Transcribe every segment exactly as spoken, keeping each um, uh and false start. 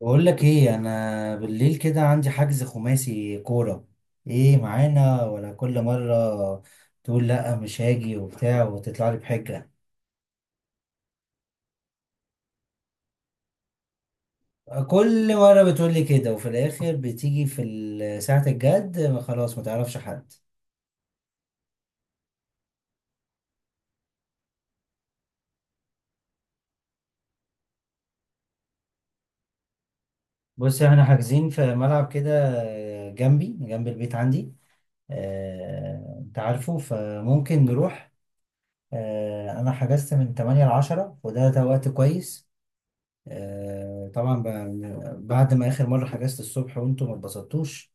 بقول لك ايه، انا بالليل كده عندي حجز خماسي كورة. ايه معانا ولا كل مرة تقول لا مش هاجي وبتاع وتطلع لي بحجة؟ كل مرة بتقول لي كده وفي الاخر بتيجي في ال- ساعة الجد، خلاص ما تعرفش حد. بص، احنا حاجزين في ملعب كده جنبي، جنب البيت عندي. آه، انت عارفه فممكن نروح. آه، انا حجزت من تمانية ل العاشرة وده ده وقت كويس. آه، طبعا بقى- بعد ما اخر مره حجزت الصبح وانتوا ما اتبسطتوش،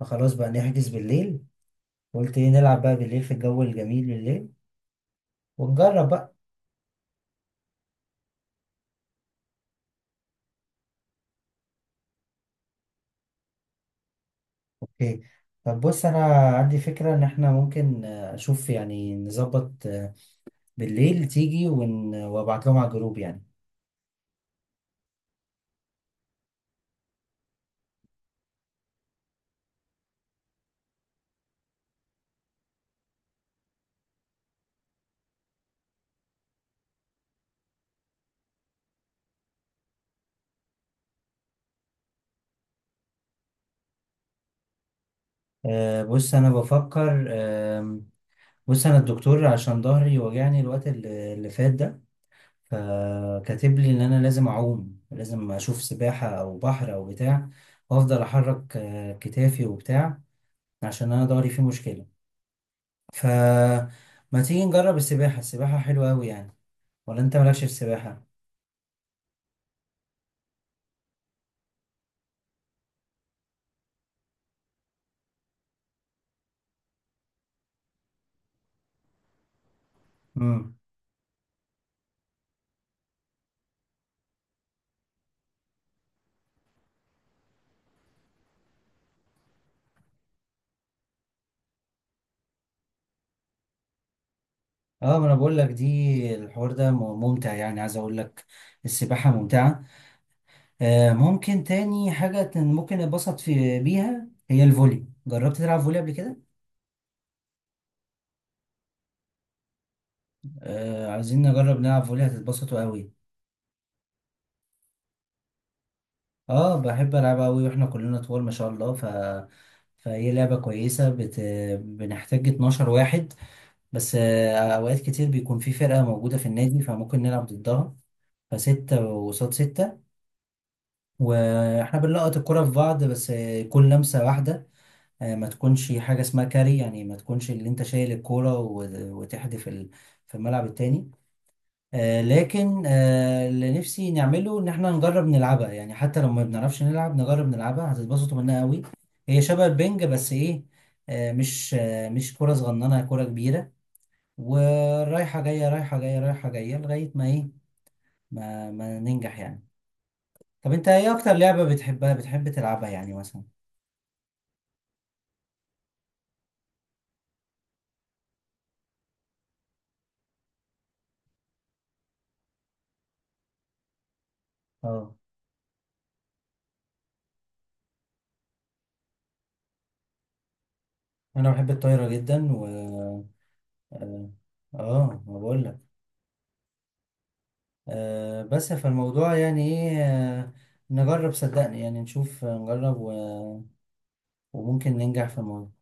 فخلاص بقى نحجز بالليل. قلت ايه، نلعب بقى بالليل في الجو الجميل بالليل ونجرب بقى. اوكي. طب بص، انا عندي فكره ان احنا ممكن آه، اشوف يعني نظبط، آه، بالليل تيجي ون... وابعت لهم على الجروب يعني. آه، بص انا بفكر. آم، بص، انا الدكتور عشان ظهري وجعني الوقت اللي اللي فات ده، فكاتب لي ان انا لازم اعوم، لازم اشوف سباحة او بحر او بتاع، وافضل احرك آه، كتافي وبتاع عشان انا ضهري فيه مشكلة. ف ما تيجي نجرب السباحة؟ السباحة حلوة أوي يعني. ولا أنت مالكش في السباحة؟ امم. اه، ما أنا بقول لك، دي الحوار ده م- ممتع يعني، عايز أقول لك السباحة ممتعة. آه ممكن تاني حاجة تن- ممكن اتبسط في بيها هي الفولي. جربت تلعب فولي قبل كده؟ آه عايزين نجرب نلعب فولي، هتتبسطوا أوي. اه، بحب العب قوي، واحنا كلنا طوال ما شاء الله. ف فهي لعبة كويسة. بت... بنحتاج اتناشر واحد، بس آه، اوقات كتير بيكون في فرقة موجودة في النادي فممكن نلعب ضدها، فستة وقصاد ستة، واحنا بنلقط الكرة في بعض بس يكون لمسة واحدة. آه، ما تكونش حاجة اسمها كاري يعني، ما تكونش اللي انت شايل الكورة وت- وتحدف ال- في الملعب التاني. آه، لكن آه، اللي نفسي نعمله ان احنا نجرب نلعبها يعني، حتى لو ما بنعرفش نلعب نجرب نلعبها، هتتبسطوا منها قوي. هي شبه البنج بس ايه، آه، مش آه، مش كرة صغننة، هي كرة كبيرة ورايحة جاية رايحة جاية رايحة جاية لغاية ما ايه، ما, ما ننجح يعني. طب انت ايه اكتر لعبة بتحبها بتحب تلعبها يعني مثلا؟ اه، انا بحب الطايرة جدا. و اه آه، ما بقول لك، آه، بس فالموضوع يعني ايه، آه، نجرب صدقني يعني نشوف، آه، نجرب و- وممكن ننجح في الموضوع.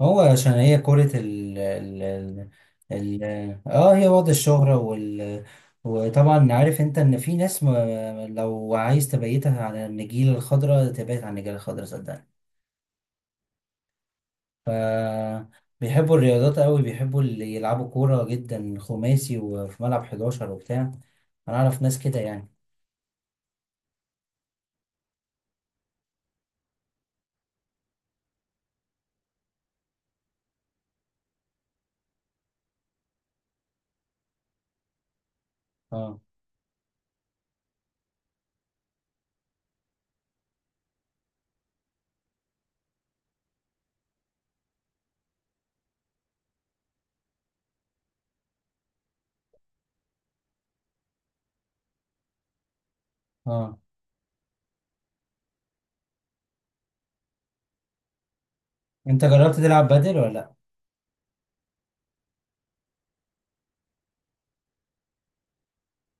هو عشان هي كرة ال ال ال ال اه هي وضع الشهرة. وال وطبعا عارف انت ان في ناس، ما لو عايز تبيتها على النجيلة الخضراء تبيت على النجيلة الخضراء صدقني. ف بيحبوا الرياضات قوي، بيحبوا اللي يلعبوا كورة جدا خماسي وفي ملعب حداشر وبتاع. انا اعرف ناس كده يعني. اه، اه، انت جربت تلعب بادل ولا لا؟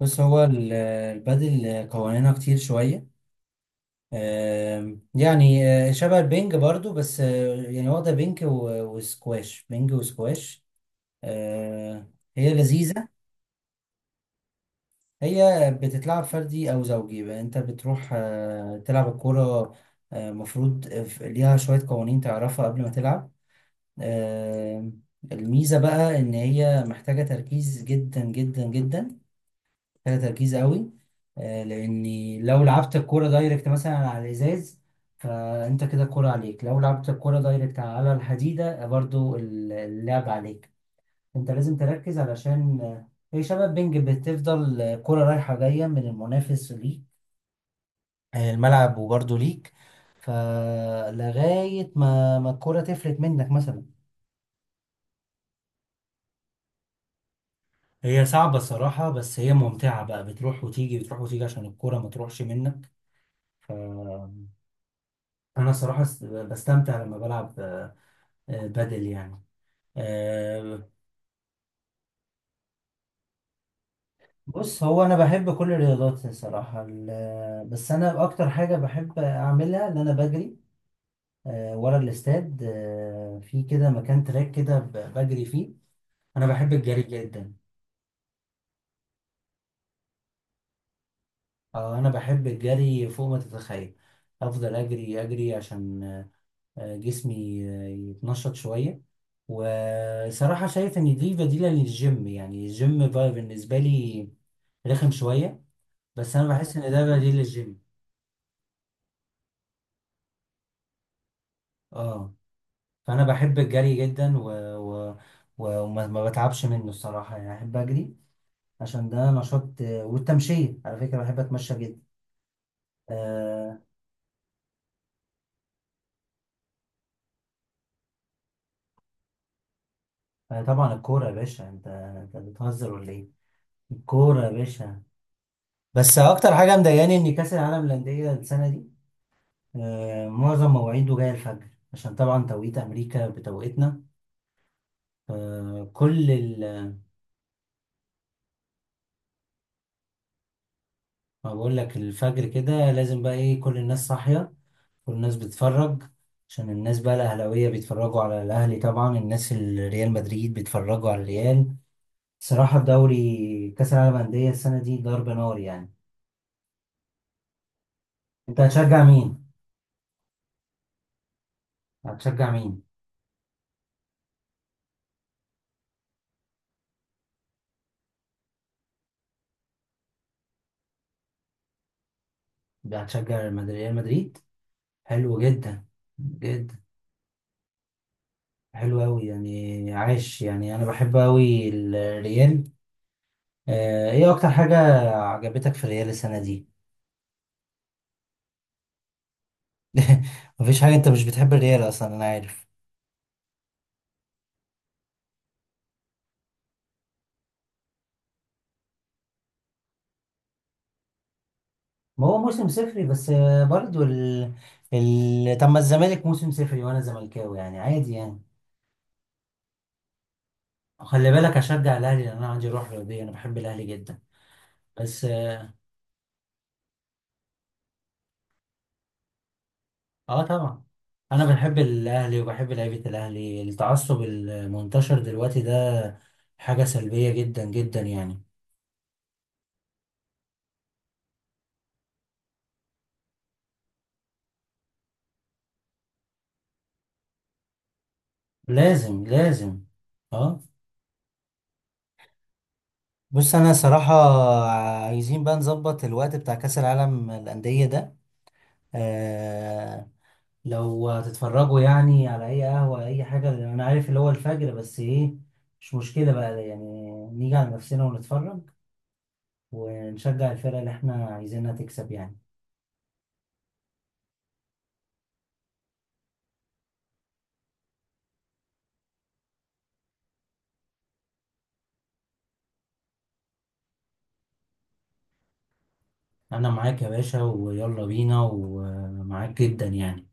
بص هو ال- البادل قوانينها كتير شويه. آم، يعني آه، شبه البنج برضو، بس آه، يعني واخده بنج و- وسكواش، بنج وسكواش. آه، هي لذيذه. هي بتتلعب فردي او زوجي بقى، انت بتروح آه، تلعب الكوره. المفروض ليها شويه قوانين تعرفها قبل ما تلعب. آم، الميزه بقى ان هي محتاجه تركيز جدا جدا جدا، محتاجة تركيز قوي. آه، لأني لو لعبت الكورة دايركت مثلا على الإزاز فأنت كده الكورة عليك، لو لعبت الكورة دايركت على الحديدة برضو ال- اللعب عليك. أنت لازم تركز علشان آه، هي شبه بينج، بتفضل آه، كرة رايحة جاية من المنافس ليك آه، الملعب وبرضو ليك. فلغاية ما ما الكورة تفلت منك مثلا. هي صعبة الصراحة بس هي ممتعة بقى، بتروح وتيجي بتروح وتيجي عشان الكورة ما تروحش منك. انا صراحة س- بستمتع لما بلعب آه، آه، بادل يعني. آه، بص، هو انا بحب كل الرياضات الصراحة، ال- بس انا اكتر حاجة بحب اعملها ان انا بجري. آه، ورا الاستاد، آه، في كده مكان تراك كده ب- بجري فيه. انا بحب الجري جدا. آه، انا بحب الجري فوق ما تتخيل. افضل اجري اجري عشان آه، جسمي آه، يتنشط شوية. وصراحة شايف إن دي بديلة للجيم يعني، الجيم بقى بالنسبة لي رخم شوية، بس أنا بحس إن ده بديل للجيم. اه، فأنا بحب الجري جدا و... و... و- وما ما بتعبش منه الصراحة يعني، أحب أجري عشان ده نشاط. آه، والتمشية على فكرة بحب أتمشى جدا. آه آه، طبعا الكورة يا باشا، أنت أنت بتهزر ولا إيه؟ الكورة يا باشا، بس أكتر حاجة مضايقاني إن كأس العالم للأندية السنة دي آه، معظم مواعيده جاية الفجر عشان طبعا توقيت أمريكا بتوقيتنا. فكل ال- ما بقول لك، الفجر كده لازم بقى إيه، كل الناس صاحية، كل الناس بتتفرج. عشان الناس بقى الأهلاوية بيتفرجوا على الأهلي، طبعا الناس الريال مدريد بيتفرجوا على الريال. صراحة الدوري كأس العالم للأندية السنة دي ضرب نار يعني. أنت هتشجع مين؟ هتشجع مين؟ هتشجع المد- ريال مدريد؟ حلو جدا جدا، حلو أوي يعني، عاش يعني، أنا بحب أوي الريال. آه، ايه اكتر حاجة عجبتك في الريال السنة دي؟ مفيش حاجة، انت مش بتحب الريال اصلا انا عارف. ما هو موسم صفري، بس آه، برضو ال... ال... طب ما الزمالك موسم صفري وانا زملكاوي يعني عادي يعني. خلي بالك اشجع الاهلي لان انا عندي روح رياضية، انا بحب الاهلي جدا. بس اه، آه طبعا، انا بحب الاهلي وبحب لعيبة الاهلي. التعصب المنتشر دلوقتي ده حاجة سلبية جدا جدا يعني. لازم لازم. اه، بص، انا صراحة عايزين بقى نظبط الوقت بتاع كأس العالم للأندية ده. آه لو هتتفرجوا يعني على اي قهوة اي حاجة لأن انا عارف اللي هو الفجر، بس ايه، مش مشكلة بقى يعني نيجي على نفسنا ونتفرج ونشجع الفرقة اللي احنا عايزينها تكسب يعني. انا معاك يا باشا ويلا بينا، ومعاك جدا يعني.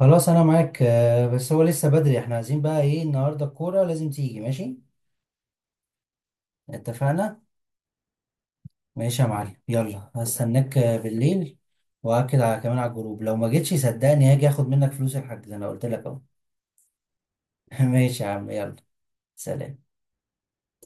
خلاص انا معاك، آه، بس هو لسه بدري، احنا عايزين بقى ايه النهاردة، الكورة لازم تيجي ماشي. اتفقنا. ماشي يا معلم، يلا هستناك بالليل. واكد على كمان على الجروب، لو ما جيتش صدقني هاجي اخد منك فلوس الحاج زي ما قلت لك اهو. ماشي يا عم يلا. سلام.